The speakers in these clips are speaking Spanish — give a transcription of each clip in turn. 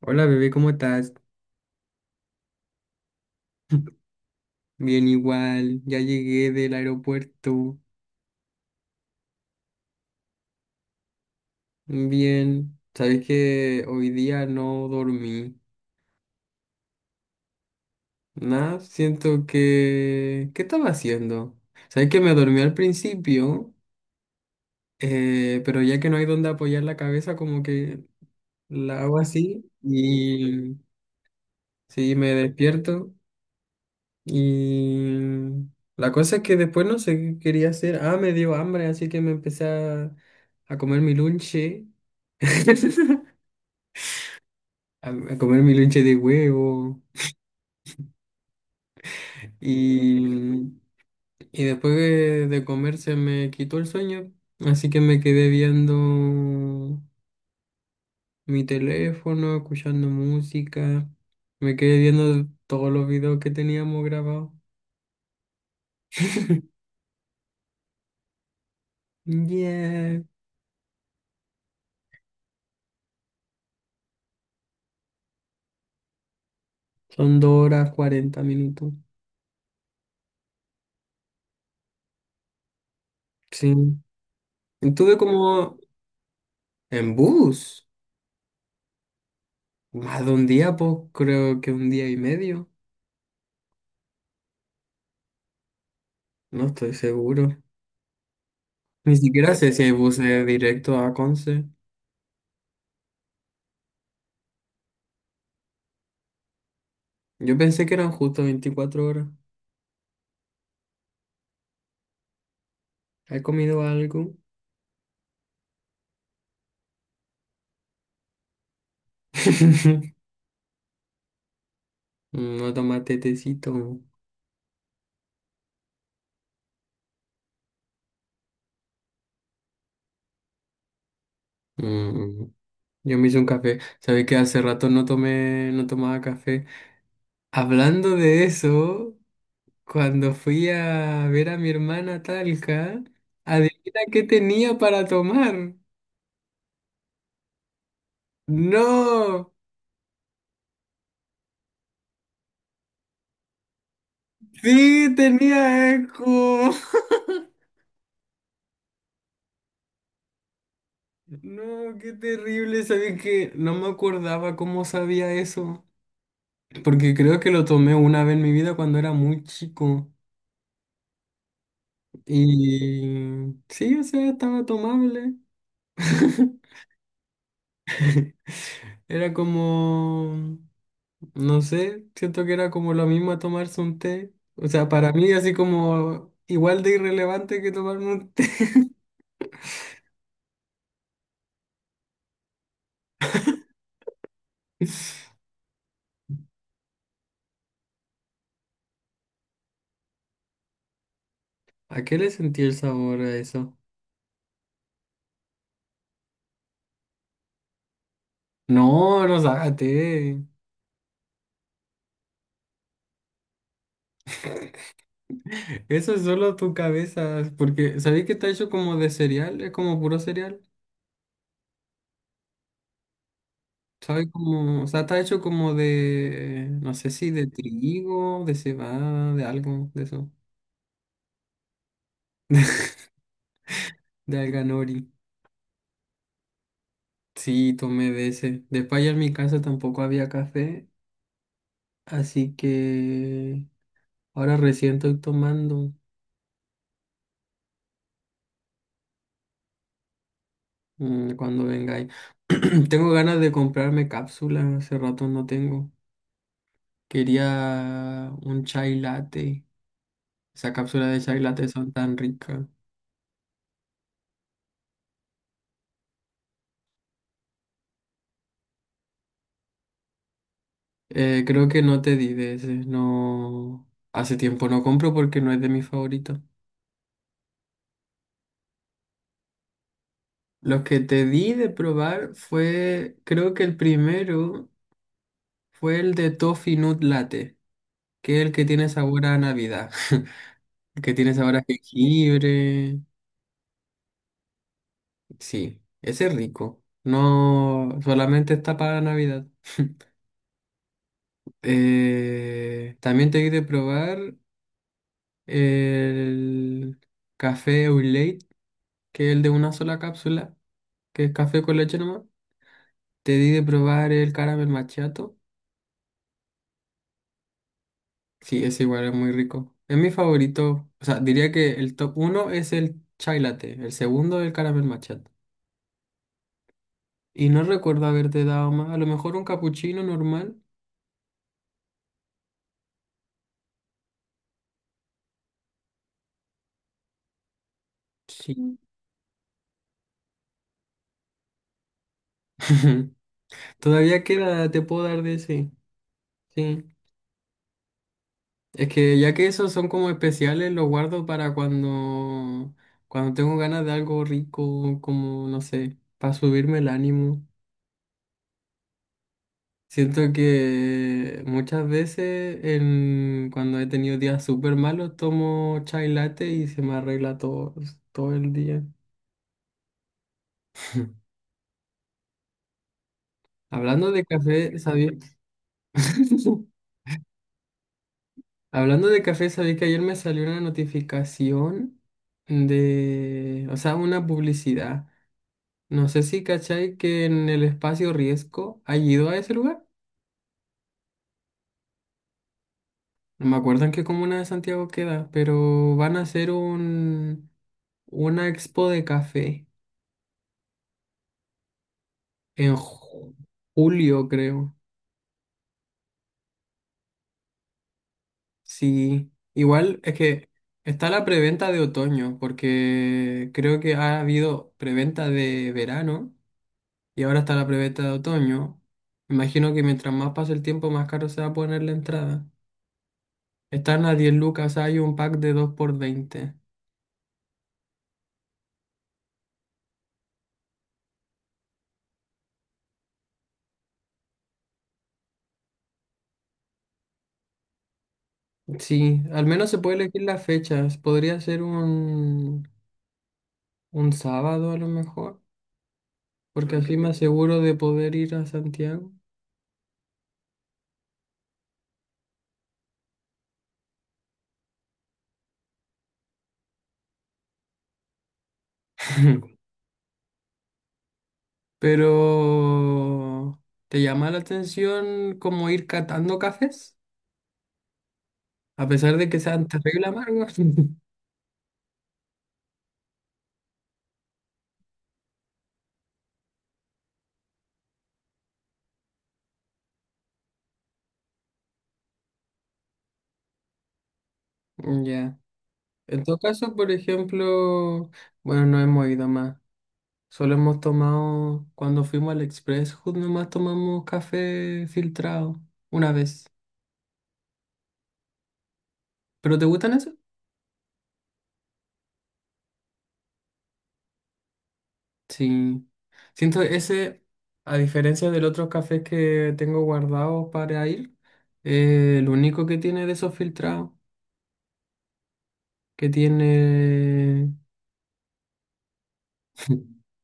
Hola bebé, ¿cómo estás? Bien igual, ya llegué del aeropuerto. Bien, sabes que hoy día no dormí. Nada, ¿Qué estaba haciendo? Sabes que me dormí al principio, pero ya que no hay donde apoyar la cabeza, como que la hago así y sí, me despierto. Y la cosa es que después no sé qué quería hacer. Ah, me dio hambre, así que me empecé a comer mi lunche. A comer mi lunche de huevo. Y, y después de comer se me quitó el sueño. Así que me quedé viendo mi teléfono, escuchando música. Me quedé viendo todos los videos que teníamos grabados. Yeah. Son 2 horas 40 minutos. Sí. Estuve como en bus, más de un día, pues creo que un día y medio, no estoy seguro. Ni siquiera sé si hay buses directos a Conce. Yo pensé que eran justo 24 horas. ¿Has comido algo? No tomaste tecito. Mm. Yo me hice un café. Sabes que hace rato no tomé, no tomaba café. Hablando de eso, cuando fui a ver a mi hermana a Talca, adivina qué tenía para tomar. No, sí, tenía eco. No, qué terrible. Sabía que no me acordaba cómo sabía eso. Porque creo que lo tomé una vez en mi vida cuando era muy chico. Y sí, o sea, estaba tomable. Era como, no sé, siento que era como lo mismo a tomarse un té. O sea, para mí así como igual de irrelevante que tomarme un té. ¿A qué le sentí el sabor a eso? No, no sácate. Eso es solo tu cabeza. Porque, ¿sabéis que está hecho como de cereal? Es como puro cereal. ¿Sabes como? O sea, está hecho como de, no sé si de trigo, de cebada, de algo, de eso. De alga nori. Sí, tomé de ese. Después allá en mi casa tampoco había café. Así que ahora recién estoy tomando. Cuando vengáis. Tengo ganas de comprarme cápsulas. Hace rato no tengo. Quería un chai latte. Esa cápsula de chai latte son tan ricas. Creo que no te di de ese. No. Hace tiempo no compro porque no es de mis favoritos. Los que te di de probar fue. Creo que el primero fue el de Toffee Nut Latte, que es el que tiene sabor a Navidad. El que tiene sabor a jengibre. Sí, ese es rico. No solamente está para Navidad. También te di de probar el café au lait, que es el de una sola cápsula, que es café con leche nomás. Te di de probar el caramel macchiato. Sí, es igual, es muy rico. Es mi favorito. O sea, diría que el top uno es el chai latte, el segundo el caramel macchiato. Y no recuerdo haberte dado más. A lo mejor un capuchino normal. Sí. Todavía queda, te puedo dar de ese. Sí. Es que ya que esos son como especiales, los guardo para cuando, cuando tengo ganas de algo rico, como, no sé, para subirme el ánimo. Siento que muchas veces en, cuando he tenido días súper malos, tomo chai latte y se me arregla todo, todo el día. Hablando de café, sabía. Hablando de café, sabía que ayer me salió una notificación de, o sea, una publicidad. No sé si cachai que en el espacio Riesgo ha ido a ese lugar. No me acuerdo en qué comuna de Santiago queda, pero van a hacer un, una expo de café en julio, creo. Sí, igual es que está la preventa de otoño, porque creo que ha habido preventa de verano y ahora está la preventa de otoño. Imagino que mientras más pase el tiempo, más caro se va a poner la entrada. Están a 10 lucas, hay un pack de 2 por 20. Sí, al menos se puede elegir las fechas. Podría ser un sábado a lo mejor, porque así me aseguro de poder ir a Santiago. Pero, ¿te llama la atención como ir catando cafés? A pesar de que sean terrible amargos. Ya. En todo caso, por ejemplo, bueno, no hemos ido más. Solo hemos tomado, cuando fuimos al Express, justo nomás tomamos café filtrado una vez. ¿Pero te gustan esos? Sí. Siento ese, a diferencia del otro café que tengo guardado para ir, lo único que tiene de esos filtrados, que tiene,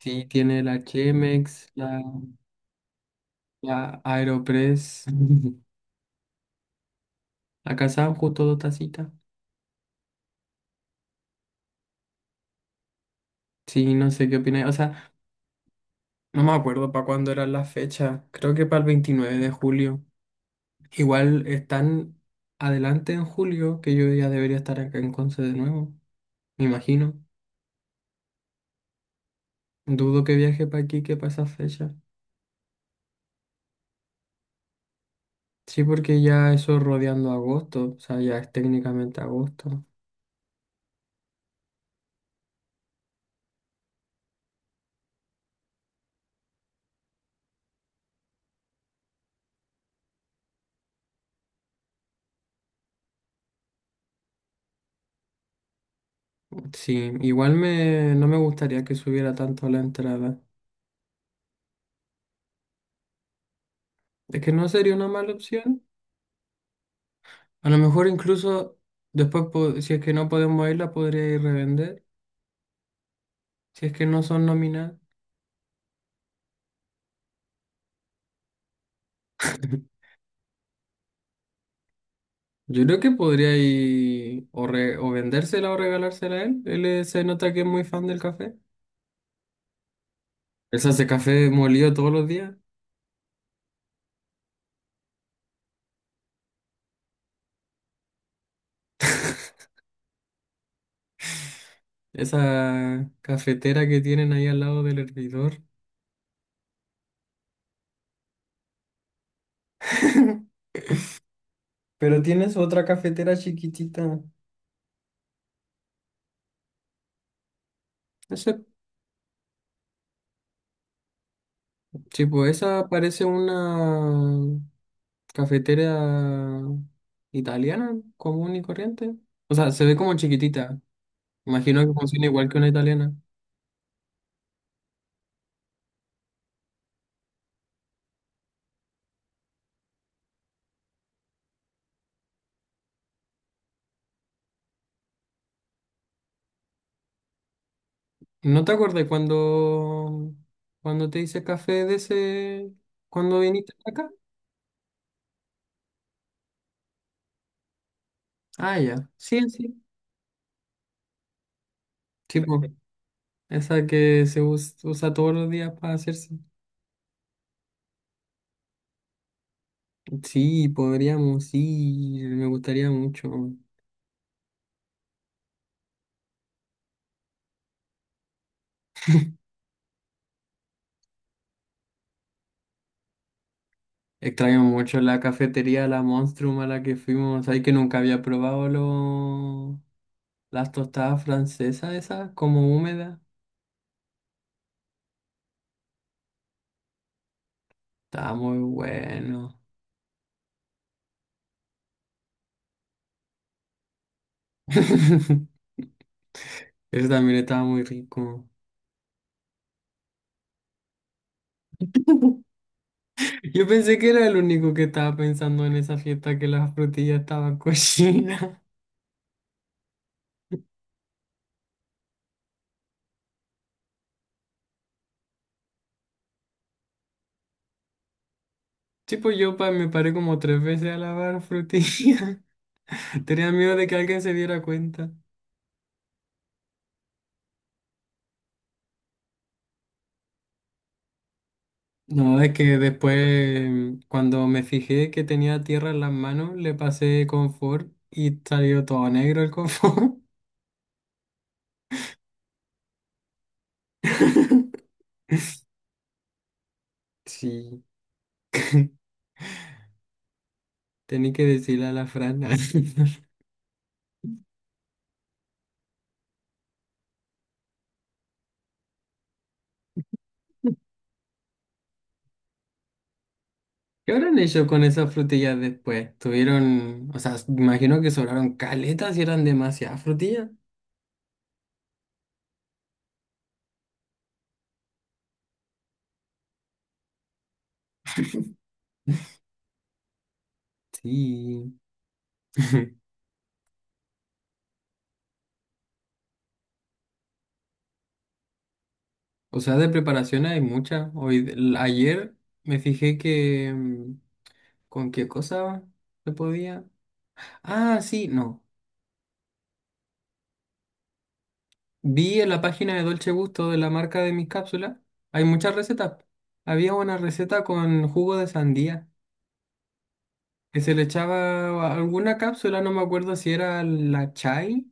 sí, tiene la Chemex, la, la Aeropress, la Kazam, justo dos tacitas. Sí, no sé qué opináis. O sea, no me acuerdo para cuándo eran las fechas. Creo que para el 29 de julio. Igual están adelante en julio, que yo ya debería estar acá en Conce de nuevo, me imagino. Dudo que viaje para aquí que para esa fecha. Sí, porque ya eso rodeando agosto, o sea, ya es técnicamente agosto. Sí, igual me, no me gustaría que subiera tanto la entrada. Es que no sería una mala opción. A lo mejor incluso después, si es que no podemos irla, podría ir revender. Si es que no son nominadas. Yo creo que podría ir o vendérsela o regalársela a él. Él se nota que es muy fan del café. Él se hace café molido todos los días. Esa cafetera que tienen ahí al lado del hervidor. Pero tienes otra cafetera chiquitita. Ese, tipo, esa parece una cafetera italiana, común y corriente. O sea, se ve como chiquitita. Imagino que funciona igual que una italiana. ¿No te acordás cuando, cuando te hice café de ese, cuando viniste acá? Ah, ya. Sí, sí. Tipo, esa que usa todos los días para hacerse. Sí, podríamos ir, me gustaría mucho. Extraño mucho la cafetería La Monstrum a la que fuimos. Hay que nunca había probado las tostadas francesas esas, como húmedas. Estaba muy bueno. Eso también estaba muy rico. Yo pensé que era el único que estaba pensando en esa fiesta que las frutillas estaban cochinas. Tipo, me paré como tres veces a lavar frutillas. Tenía miedo de que alguien se diera cuenta. No, es que después, cuando me fijé que tenía tierra en las manos, le pasé confort y salió todo negro el confort. Sí, tenía que decirle a la Fran. ¿Qué habrán hecho con esas frutillas después? Tuvieron, o sea, imagino que sobraron caletas y eran demasiadas frutillas. Sí. O sea, de preparación hay mucha. Ayer me fijé que con qué cosa se podía. Ah, sí, no. Vi en la página de Dolce Gusto de la marca de mis cápsulas, hay muchas recetas. Había una receta con jugo de sandía, que se le echaba a alguna cápsula, no me acuerdo si era la chai,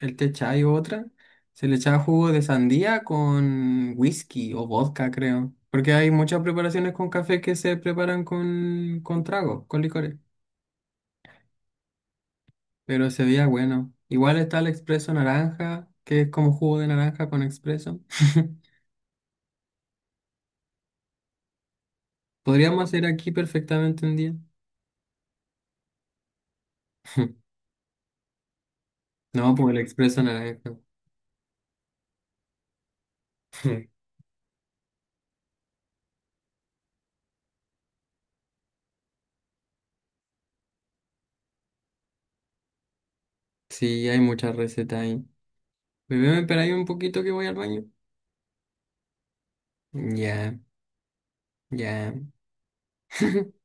el té chai o otra. Se le echaba jugo de sandía con whisky o vodka, creo. Porque hay muchas preparaciones con café que se preparan con tragos, con licores. Pero se veía bueno. Igual está el expreso naranja, que es como jugo de naranja con expreso. Podríamos hacer aquí perfectamente un día. No, por el expreso naranja. Sí, hay muchas recetas ahí. Bebé, me espera ahí un poquito que voy al baño. Ya, ya.